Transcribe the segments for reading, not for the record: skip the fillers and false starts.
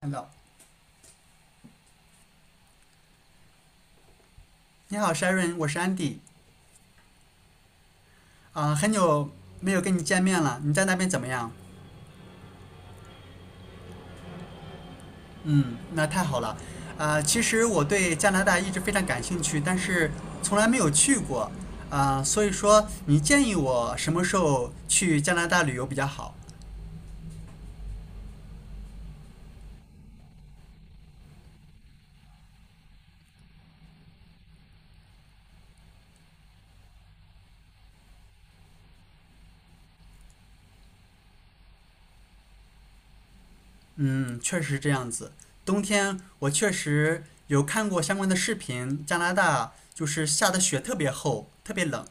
h e 你好，Sharon，我是 Andy。很久没有跟你见面了，你在那边怎么样？嗯，那太好了。其实我对加拿大一直非常感兴趣，但是从来没有去过。所以说你建议我什么时候去加拿大旅游比较好？嗯，确实是这样子。冬天我确实有看过相关的视频，加拿大就是下的雪特别厚，特别冷。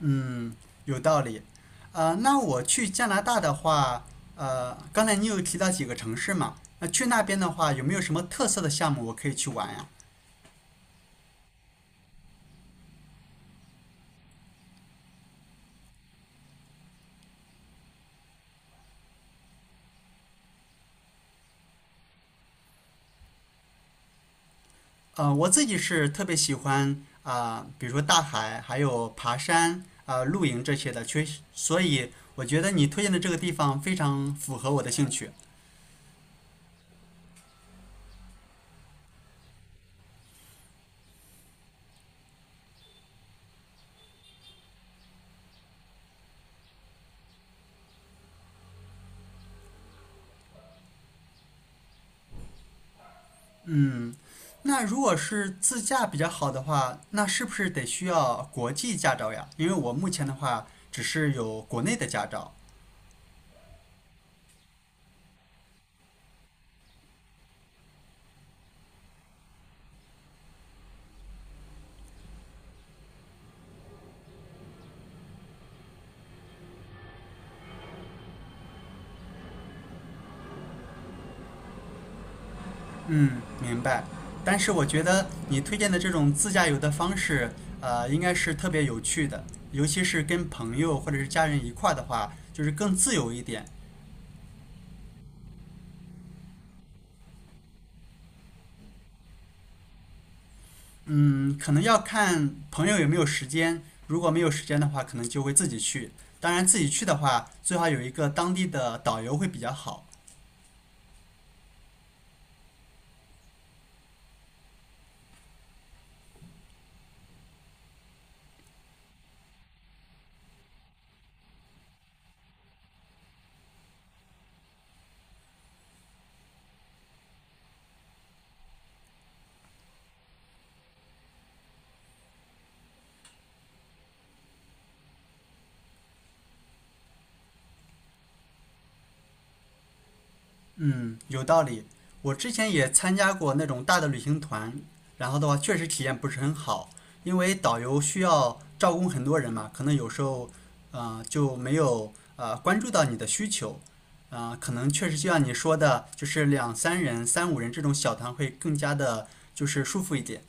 嗯，有道理。那我去加拿大的话，刚才你有提到几个城市嘛？那去那边的话，有没有什么特色的项目我可以去玩呀？我自己是特别喜欢比如说大海，还有爬山、露营这些的，确实，所以我觉得你推荐的这个地方非常符合我的兴趣。嗯，那如果是自驾比较好的话，那是不是得需要国际驾照呀？因为我目前的话只是有国内的驾照。嗯，明白。但是我觉得你推荐的这种自驾游的方式，应该是特别有趣的，尤其是跟朋友或者是家人一块儿的话，就是更自由一点。嗯，可能要看朋友有没有时间，如果没有时间的话，可能就会自己去。当然，自己去的话，最好有一个当地的导游会比较好。嗯，有道理。我之前也参加过那种大的旅行团，然后的话确实体验不是很好，因为导游需要照顾很多人嘛，可能有时候，就没有关注到你的需求，可能确实就像你说的，就是两三人、三五人这种小团会更加的，就是舒服一点。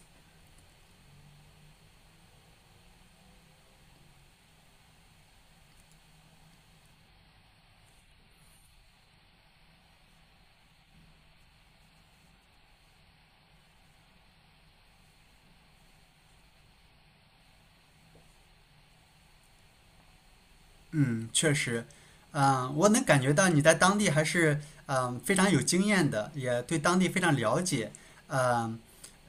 嗯，确实，嗯，我能感觉到你在当地还是嗯非常有经验的，也对当地非常了解。嗯、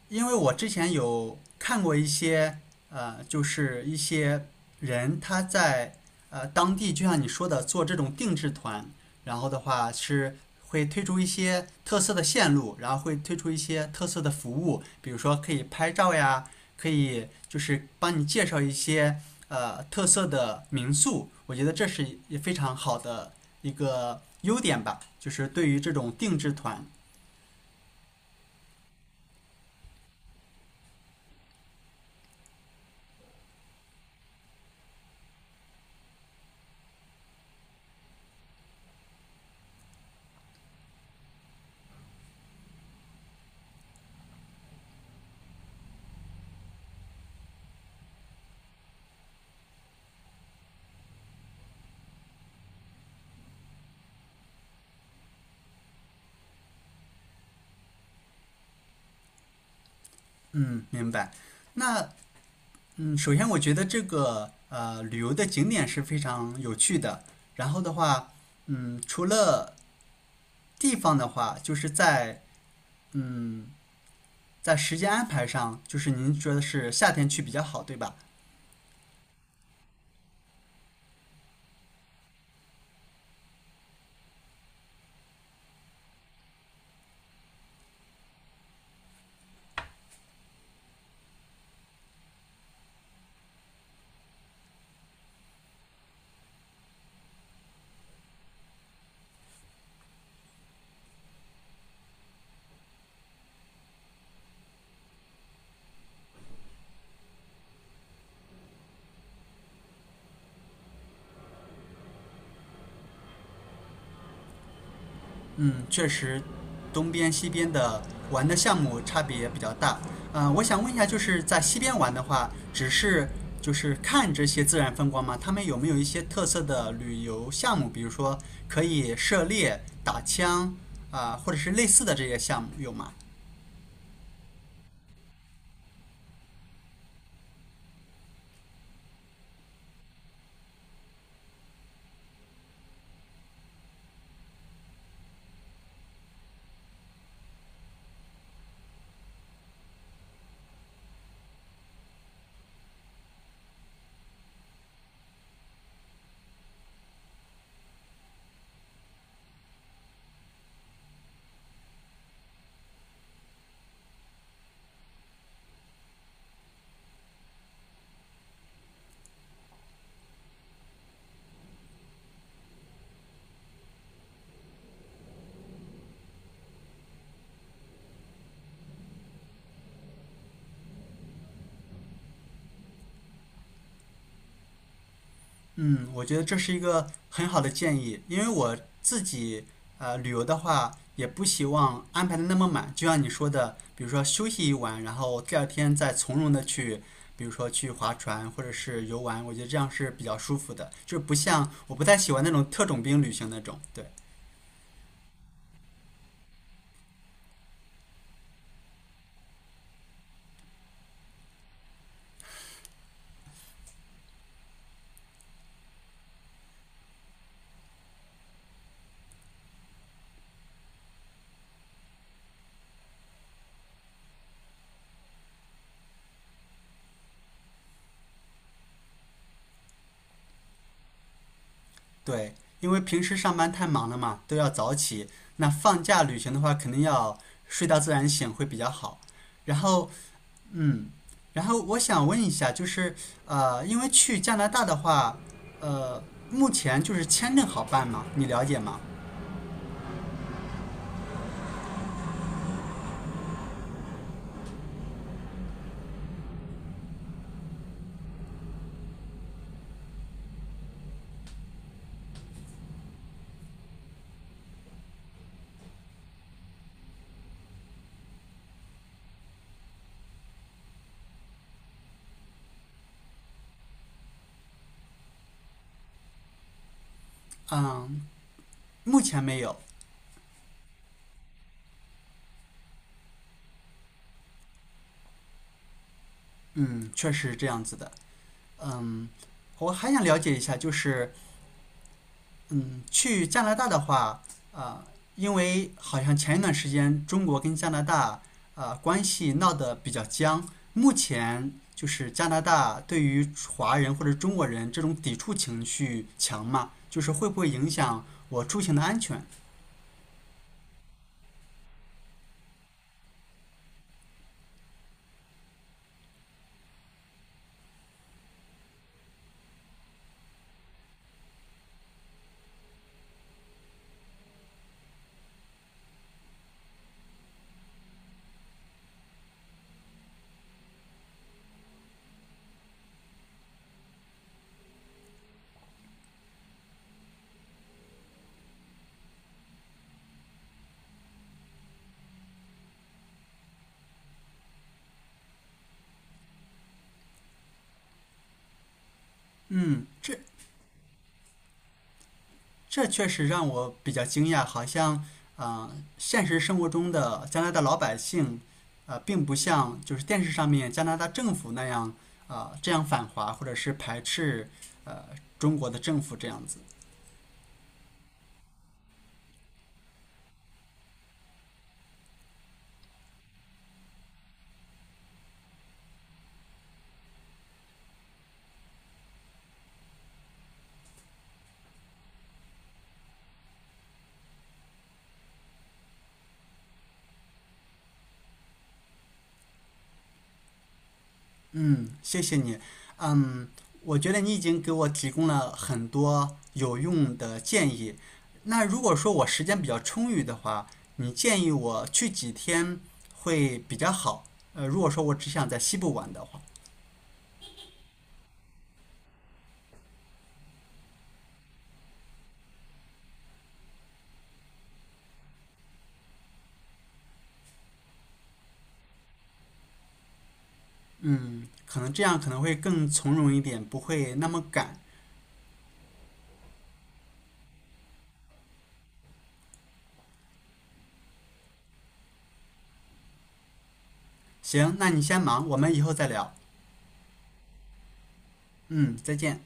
因为我之前有看过一些，就是一些人他在当地，就像你说的做这种定制团，然后的话是会推出一些特色的线路，然后会推出一些特色的服务，比如说可以拍照呀，可以就是帮你介绍一些特色的民宿，我觉得这是也非常好的一个优点吧，就是对于这种定制团，嗯，明白。那嗯，首先我觉得这个旅游的景点是非常有趣的。然后的话，嗯，除了地方的话，就是在嗯在时间安排上，就是您觉得是夏天去比较好，对吧？嗯，确实，东边西边的玩的项目差别比较大。我想问一下，就是在西边玩的话，只是就是看这些自然风光吗？他们有没有一些特色的旅游项目？比如说可以狩猎、打枪或者是类似的这些项目有吗？嗯，我觉得这是一个很好的建议，因为我自己旅游的话，也不希望安排的那么满，就像你说的，比如说休息一晚，然后第二天再从容的去，比如说去划船或者是游玩，我觉得这样是比较舒服的，就是不像我不太喜欢那种特种兵旅行那种，对对，因为平时上班太忙了嘛，都要早起，那放假旅行的话，肯定要睡到自然醒会比较好。然后嗯，然后我想问一下，就是因为去加拿大的话，呃，目前就是签证好办吗？你了解吗？嗯，目前没有。嗯，确实这样子的。嗯，我还想了解一下，就是嗯，去加拿大的话，啊、因为好像前一段时间中国跟加拿大啊关系闹得比较僵，目前就是加拿大对于华人或者中国人这种抵触情绪强嘛，就是会不会影响我出行的安全？嗯，这这确实让我比较惊讶，好像啊、呃现实生活中的加拿大老百姓，并不像就是电视上面加拿大政府那样这样反华或者是排斥呃中国的政府这样子。嗯，谢谢你。嗯，我觉得你已经给我提供了很多有用的建议。那如果说我时间比较充裕的话，你建议我去几天会比较好？如果说我只想在西部玩的话。嗯，可能这样可能会更从容一点，不会那么赶。行，那你先忙，我们以后再聊。嗯，再见。